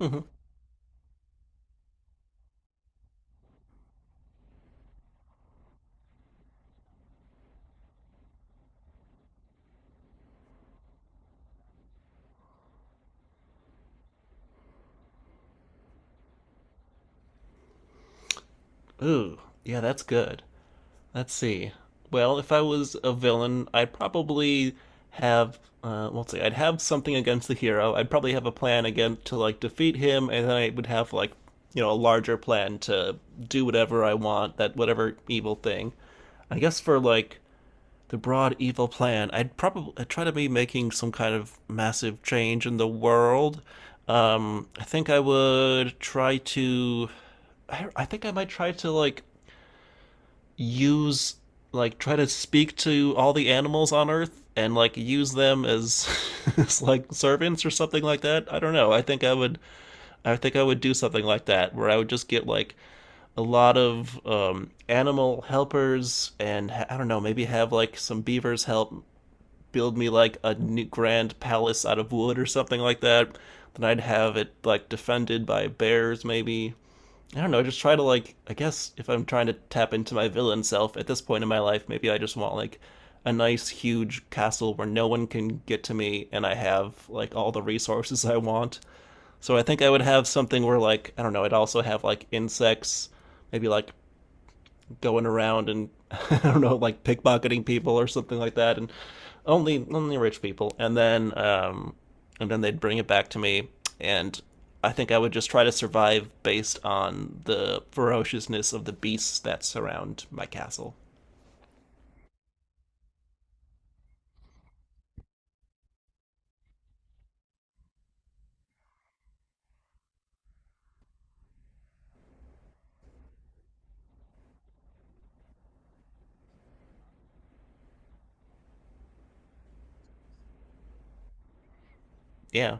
Mm-hmm. Ooh, yeah, that's good. Let's see. Well, if I was a villain, I'd probably have well, let's see, I'd have something against the hero. I'd probably have a plan again to like defeat him, and then I would have like, you know, a larger plan to do whatever I want, that whatever evil thing. I guess for like the broad evil plan. I'd try to be making some kind of massive change in the world. I think I would try to. I think I might try to like use like try to speak to all the animals on Earth and like use them as as like servants or something like that. I don't know. I think I would do something like that where I would just get like a lot of animal helpers and I don't know, maybe have like some beavers help build me like a new grand palace out of wood or something like that. Then I'd have it like defended by bears, maybe. I don't know. Just try to like. I guess if I'm trying to tap into my villain self at this point in my life, maybe I just want like a nice huge castle where no one can get to me, and I have like all the resources I want. So I think I would have something where like I don't know. I'd also have like insects, maybe like going around and I don't know, like pickpocketing people or something like that, and only rich people. And then they'd bring it back to me, and I think I would just try to survive based on the ferociousness of the beasts that surround my castle. Yeah,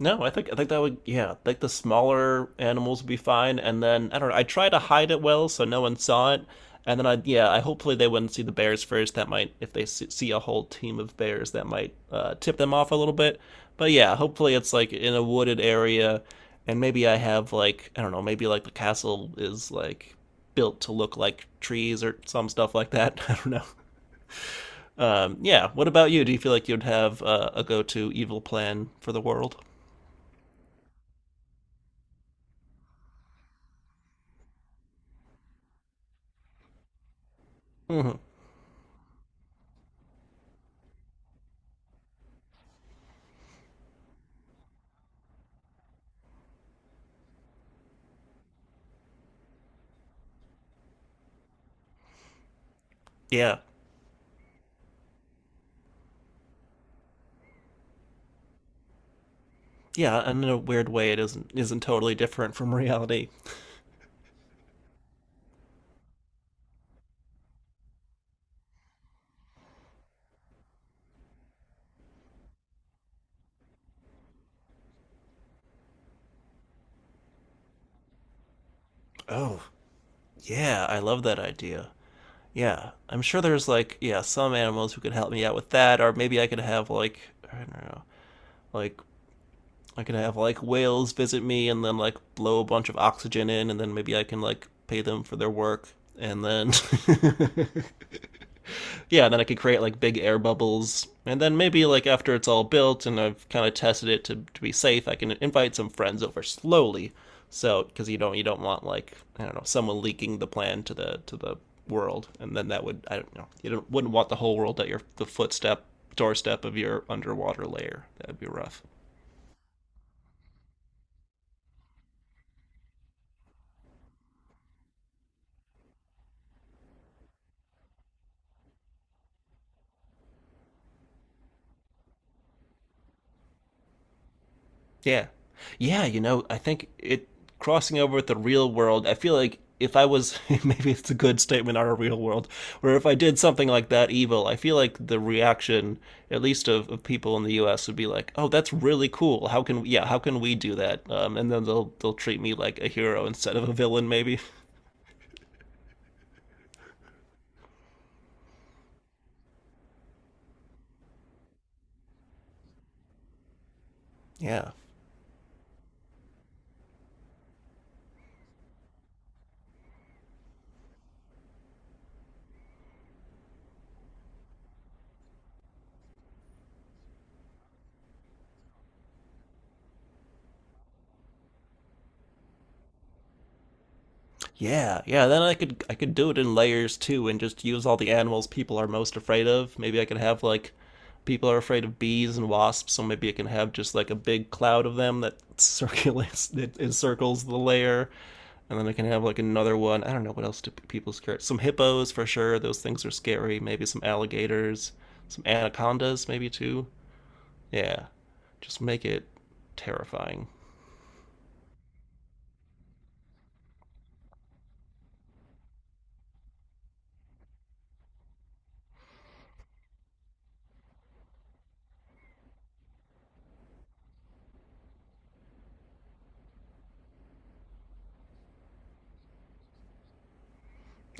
no, I think that would yeah, I think the smaller animals would be fine. And then I don't know. I try to hide it well so no one saw it. And then I yeah, I hopefully they wouldn't see the bears first. That might if they see a whole team of bears, that might tip them off a little bit. But yeah, hopefully it's like in a wooded area, and maybe I have like I don't know, maybe like the castle is like built to look like trees or some stuff like that. I don't know. Yeah. What about you? Do you feel like you'd have a go-to evil plan for the world? Hmm. Yeah, yeah, and in a weird way, it isn't totally different from reality. Oh, yeah, I love that idea. Yeah, I'm sure there's like yeah some animals who could help me out with that, or maybe I could have like I don't know, like I could have like whales visit me and then like blow a bunch of oxygen in, and then maybe I can like pay them for their work, and then yeah, and then I could create like big air bubbles, and then maybe like after it's all built and I've kind of tested it to be safe, I can invite some friends over slowly. So because you don't want like I don't know someone leaking the plan to the world, and then that would I don't know you don't, wouldn't want the whole world at your the footstep doorstep of your underwater layer. That would be rough. Yeah. Yeah, you know, I think it crossing over with the real world, I feel like if I was maybe it's a good statement on a real world, where if I did something like that evil, I feel like the reaction, at least of people in the US, would be like, oh, that's really cool. How can yeah, how can we do that? And then they'll treat me like a hero instead of a villain maybe. Yeah. Yeah, yeah. Then I could do it in layers too, and just use all the animals people are most afraid of. Maybe I could have like people are afraid of bees and wasps, so maybe I can have just like a big cloud of them that circulates that encircles the layer, and then I can have like another one. I don't know what else do people scare. Some hippos for sure. Those things are scary. Maybe some alligators, some anacondas maybe too. Yeah, just make it terrifying.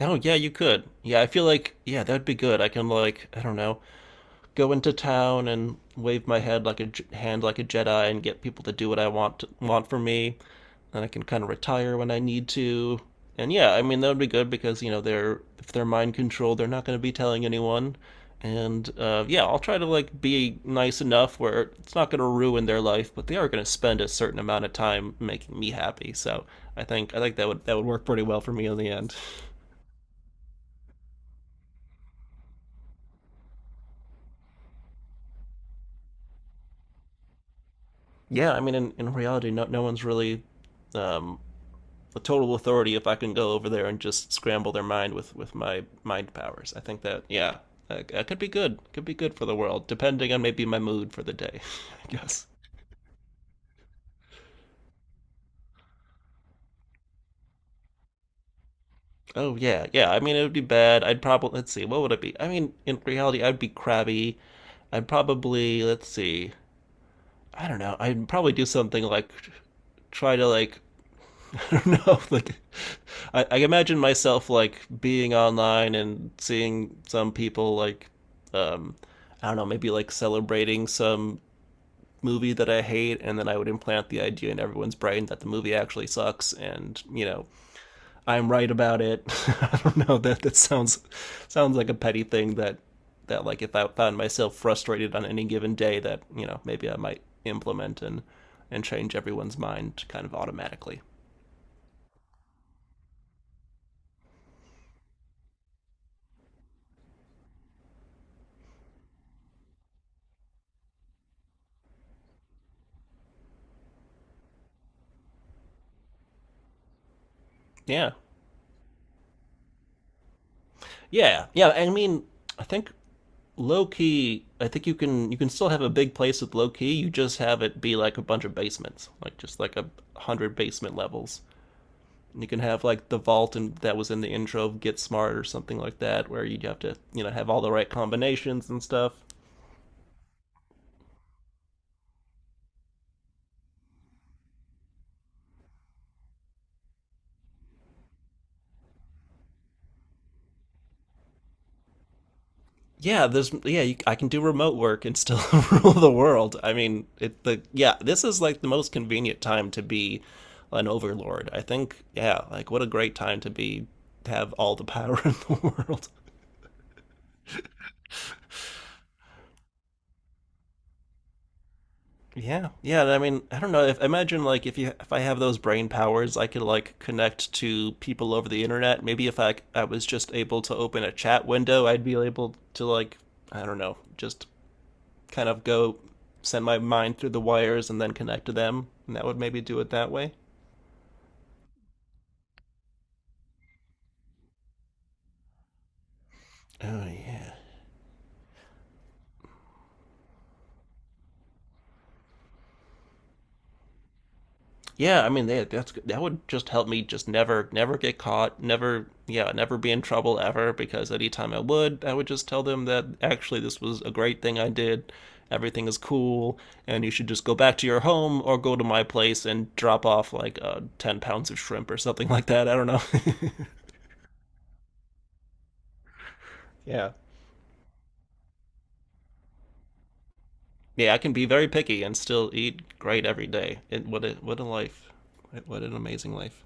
Oh yeah, you could. Yeah, I feel like yeah, that'd be good. I can like I don't know go into town and wave my head like a hand like a Jedi and get people to do what want for me. Then I can kind of retire when I need to. And yeah, I mean that would be good because you know they're if they're mind controlled, they're not going to be telling anyone. And yeah, I'll try to like be nice enough where it's not going to ruin their life, but they are going to spend a certain amount of time making me happy. So I think that would work pretty well for me in the end. Yeah, I mean in reality, no one's really um, the total authority if I can go over there and just scramble their mind with my mind powers. I think that yeah, that, could be good. Could be good for the world, depending on maybe my mood for the day. I guess. Oh yeah, yeah. I mean, it would be bad. I'd probably let's see, what would it be? I mean, in reality, I'd be crabby. I'd probably let's see. I don't know. I'd probably do something like try to like I don't know. Like, I imagine myself like being online and seeing some people like, um, I don't know, maybe like celebrating some movie that I hate, and then I would implant the idea in everyone's brain that the movie actually sucks, and you know, I'm right about it. I don't know. That sounds sounds like a petty thing that that like if I found myself frustrated on any given day, that you know maybe I might implement and change everyone's mind kind of automatically. Yeah, yeah, yeah. I mean, I think low key. I think you can still have a big place with low key. You just have it be like a bunch of basements, like just like a hundred basement levels. And you can have like the vault and that was in the intro of Get Smart or something like that, where you have to you know have all the right combinations and stuff. Yeah, there's yeah, you, I can do remote work and still rule the world. I mean, it the yeah, this is like the most convenient time to be an overlord. I think yeah, like what a great time to be have all the power in the world. Yeah, yeah. And I mean, I don't know. If imagine like if you if I have those brain powers, I could like connect to people over the internet. Maybe if I was just able to open a chat window, I'd be able to like I don't know, just kind of go send my mind through the wires and then connect to them, and that would maybe do it that way. Oh yeah, yeah. I mean, they, that's that would just help me just never get caught, never, yeah, never be in trouble ever. Because anytime I would just tell them that actually this was a great thing I did. Everything is cool, and you should just go back to your home or go to my place and drop off like 10 pounds of shrimp or something like that. I don't know. Yeah, yeah, I can be very picky and still eat great every day. It, what a life! What an amazing life!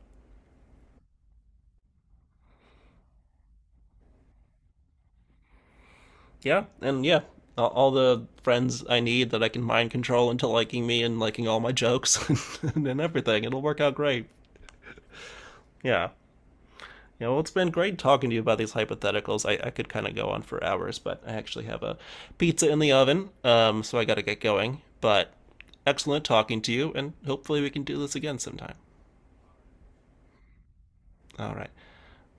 Yeah, and yeah, all, the friends I need that I can mind control into liking me and liking all my jokes and, everything. It'll work out great. Yeah. Yeah, well, it's been great talking to you about these hypotheticals. I could kind of go on for hours, but I actually have a pizza in the oven, so I got to get going. But excellent talking to you, and hopefully we can do this again sometime. All right. Well,